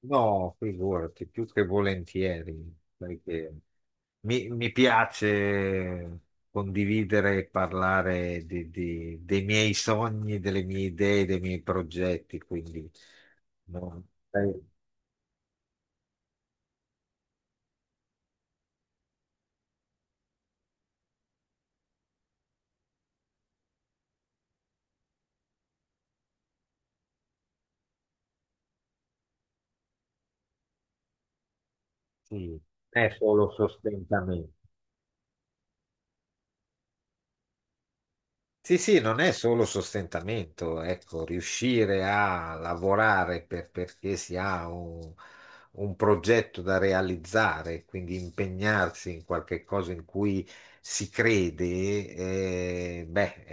No, figurati, più che volentieri, perché mi piace condividere e parlare dei miei sogni, delle mie idee, dei miei progetti, quindi no, eh, sì, non è solo sostentamento. Sì, sì, non è solo sostentamento, ecco, riuscire a lavorare perché si ha un progetto da realizzare, quindi impegnarsi in qualche cosa in cui si crede, beh,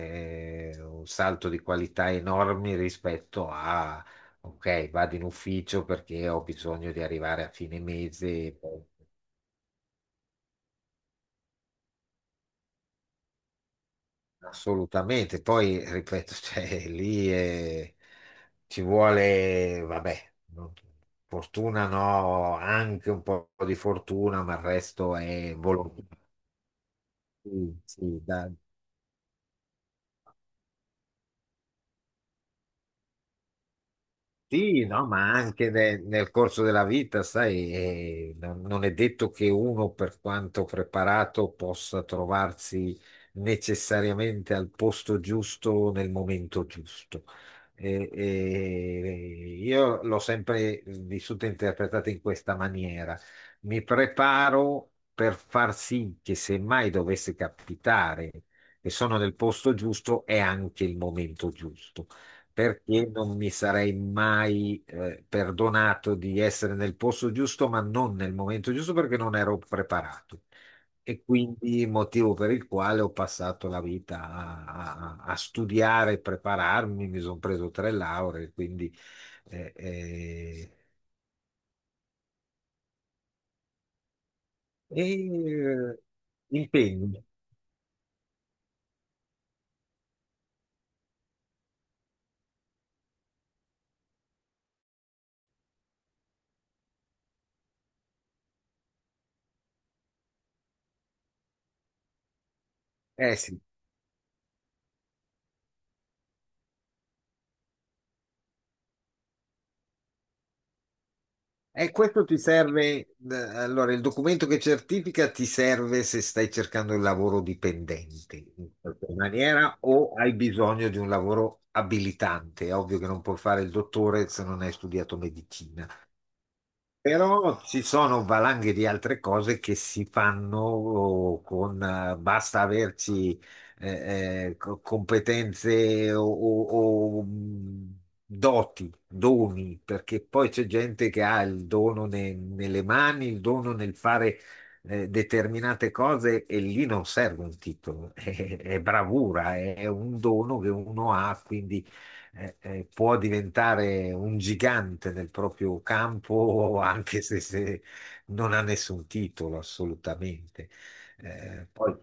è un salto di qualità enorme rispetto a, ok, vado in ufficio perché ho bisogno di arrivare a fine mese. Assolutamente, poi ripeto, cioè, lì ci vuole, vabbè, fortuna no, anche un po' di fortuna, ma il resto è volontà. Sì, sì, sì, no, ma anche nel corso della vita, sai, non è detto che uno, per quanto preparato, possa trovarsi necessariamente al posto giusto nel momento giusto. E io l'ho sempre vissuta e interpretata in questa maniera. Mi preparo per far sì che se mai dovesse capitare che sono nel posto giusto, è anche il momento giusto perché non mi sarei mai perdonato di essere nel posto giusto, ma non nel momento giusto perché non ero preparato. E quindi motivo per il quale ho passato la vita a studiare, prepararmi, mi sono preso tre lauree, quindi eh, eh, e, eh, impegni. Eh sì, e questo ti serve, allora il documento che certifica ti serve se stai cercando il lavoro dipendente in qualche maniera o hai bisogno di un lavoro abilitante. È ovvio che non puoi fare il dottore se non hai studiato medicina. Però ci sono valanghe di altre cose che si fanno oh, con, basta averci competenze o doti, doni, perché poi c'è gente che ha il dono nelle mani, il dono nel fare determinate cose e lì non serve un titolo, è bravura, è un dono che uno ha, quindi può diventare un gigante nel proprio campo, anche se, se non ha nessun titolo, assolutamente. Poi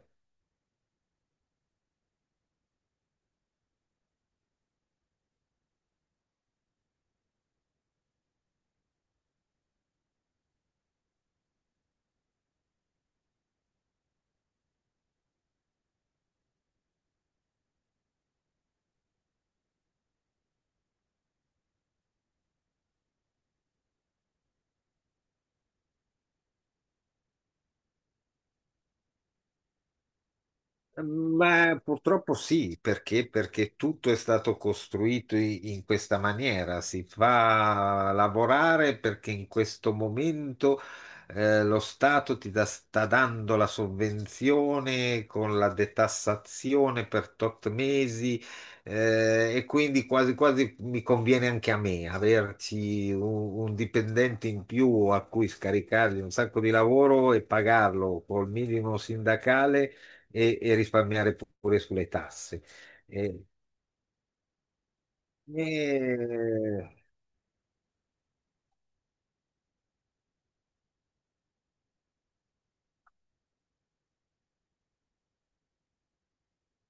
ma purtroppo sì, perché? Perché tutto è stato costruito in questa maniera. Si fa lavorare perché in questo momento lo Stato sta dando la sovvenzione con la detassazione per tot mesi, e quindi quasi quasi mi conviene anche a me averci un dipendente in più a cui scaricargli un sacco di lavoro e pagarlo col minimo sindacale e risparmiare pure sulle tasse. E, e-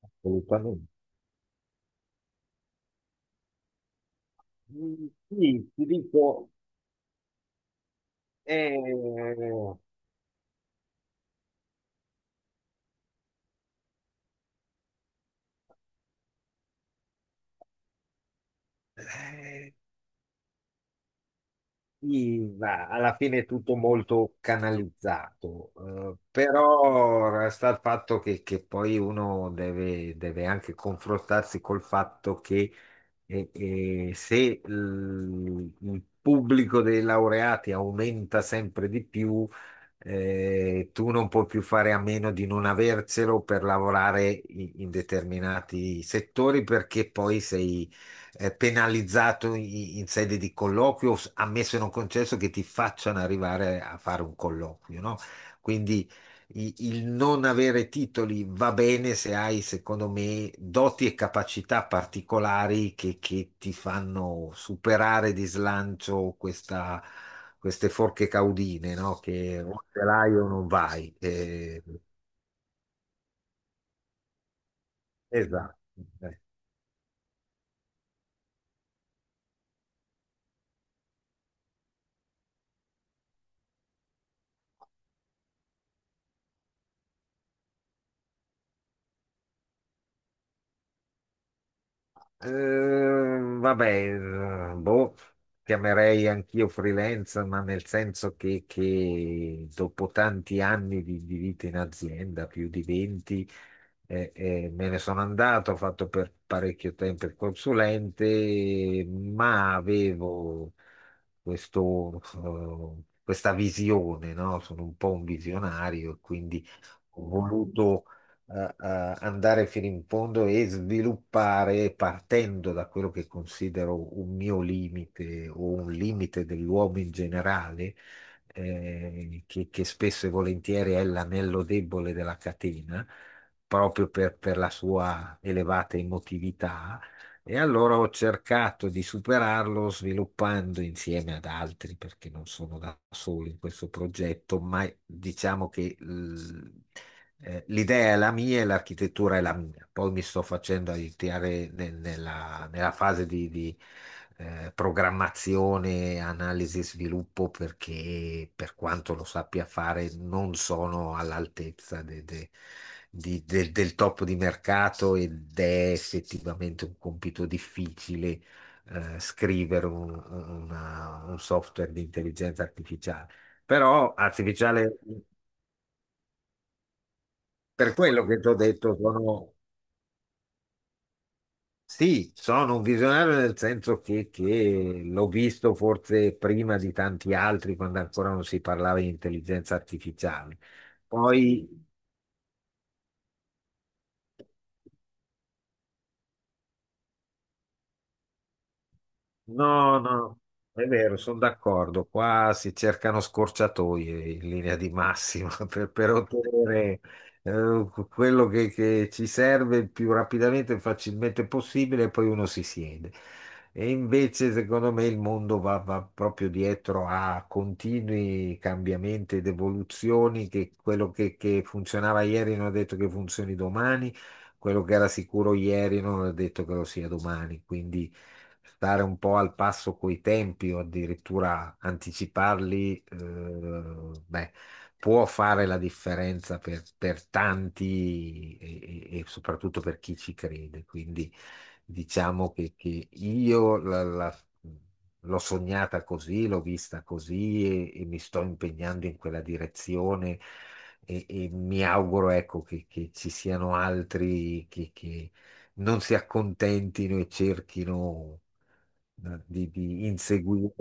Assolutamente. Sì, ti dico, eh, eh, sì, va, alla fine è tutto molto canalizzato, però resta il fatto che poi uno deve, deve anche confrontarsi col fatto che e se il, il pubblico dei laureati aumenta sempre di più, tu non puoi più fare a meno di non avercelo per lavorare in determinati settori perché poi sei, penalizzato in sede di colloquio, ammesso e non concesso che ti facciano arrivare a fare un colloquio, no? Quindi il non avere titoli va bene se hai, secondo me, doti e capacità particolari che ti fanno superare di slancio queste forche caudine, no? Che o ce l'hai o non vai. Esatto. Eh. Vabbè, eh, boh, chiamerei anch'io freelance, ma nel senso che dopo tanti anni di vita in azienda, più di 20, me ne sono andato, ho fatto per parecchio tempo il consulente, ma avevo questo, questa visione, no? Sono un po' un visionario, quindi ho voluto andare fino in fondo e sviluppare partendo da quello che considero un mio limite o un limite dell'uomo in generale, che spesso e volentieri è l'anello debole della catena, proprio per la sua elevata emotività, e allora ho cercato di superarlo sviluppando insieme ad altri, perché non sono da solo in questo progetto, ma diciamo che l'idea è la mia e l'architettura è la mia. Poi mi sto facendo aiutare nella fase di programmazione, analisi e sviluppo, perché per quanto lo sappia fare non sono all'altezza del top di mercato ed è effettivamente un compito difficile scrivere un software di intelligenza artificiale. Però artificiale, per quello che ti ho detto, sono, sì, sono un visionario nel senso che l'ho visto forse prima di tanti altri quando ancora non si parlava di intelligenza artificiale. Poi no, no, è vero, sono d'accordo. Qua si cercano scorciatoie in linea di massima per ottenere quello che ci serve il più rapidamente e facilmente possibile, e poi uno si siede. E invece, secondo me, il mondo va proprio dietro a continui cambiamenti ed evoluzioni che quello che funzionava ieri non è detto che funzioni domani, quello che era sicuro ieri non è detto che lo sia domani, quindi stare un po' al passo coi tempi o addirittura anticiparli, beh, può fare la differenza per tanti e soprattutto per chi ci crede. Quindi diciamo che io l'ho sognata così, l'ho vista così, e mi sto impegnando in quella direzione. E mi auguro, ecco, che ci siano altri che non si accontentino e cerchino di inseguire.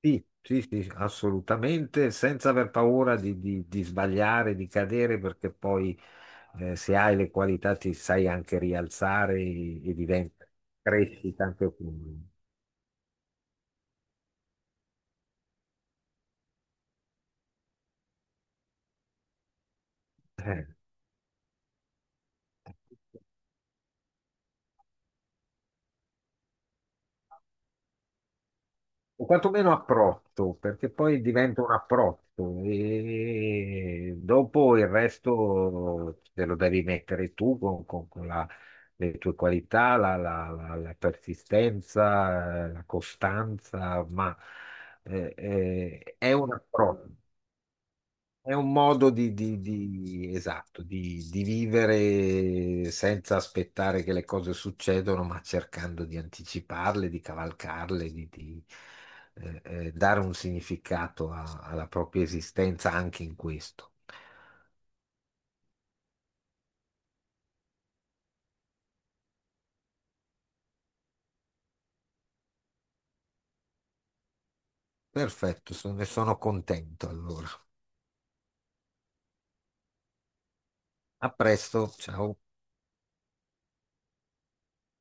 Sì, sì, sì, assolutamente, senza aver paura di sbagliare, di cadere, perché poi se hai le qualità ti sai anche rialzare e diventa crescita anche tu. Eh. O quantomeno approccio, perché poi diventa un approccio e dopo il resto te lo devi mettere tu con le tue qualità, la persistenza, la costanza, ma è un approccio. È un modo di esatto, di vivere senza aspettare che le cose succedano, ma cercando di anticiparle, di cavalcarle, dare un significato alla propria esistenza anche in questo. Perfetto, ne sono contento allora. A presto, ciao.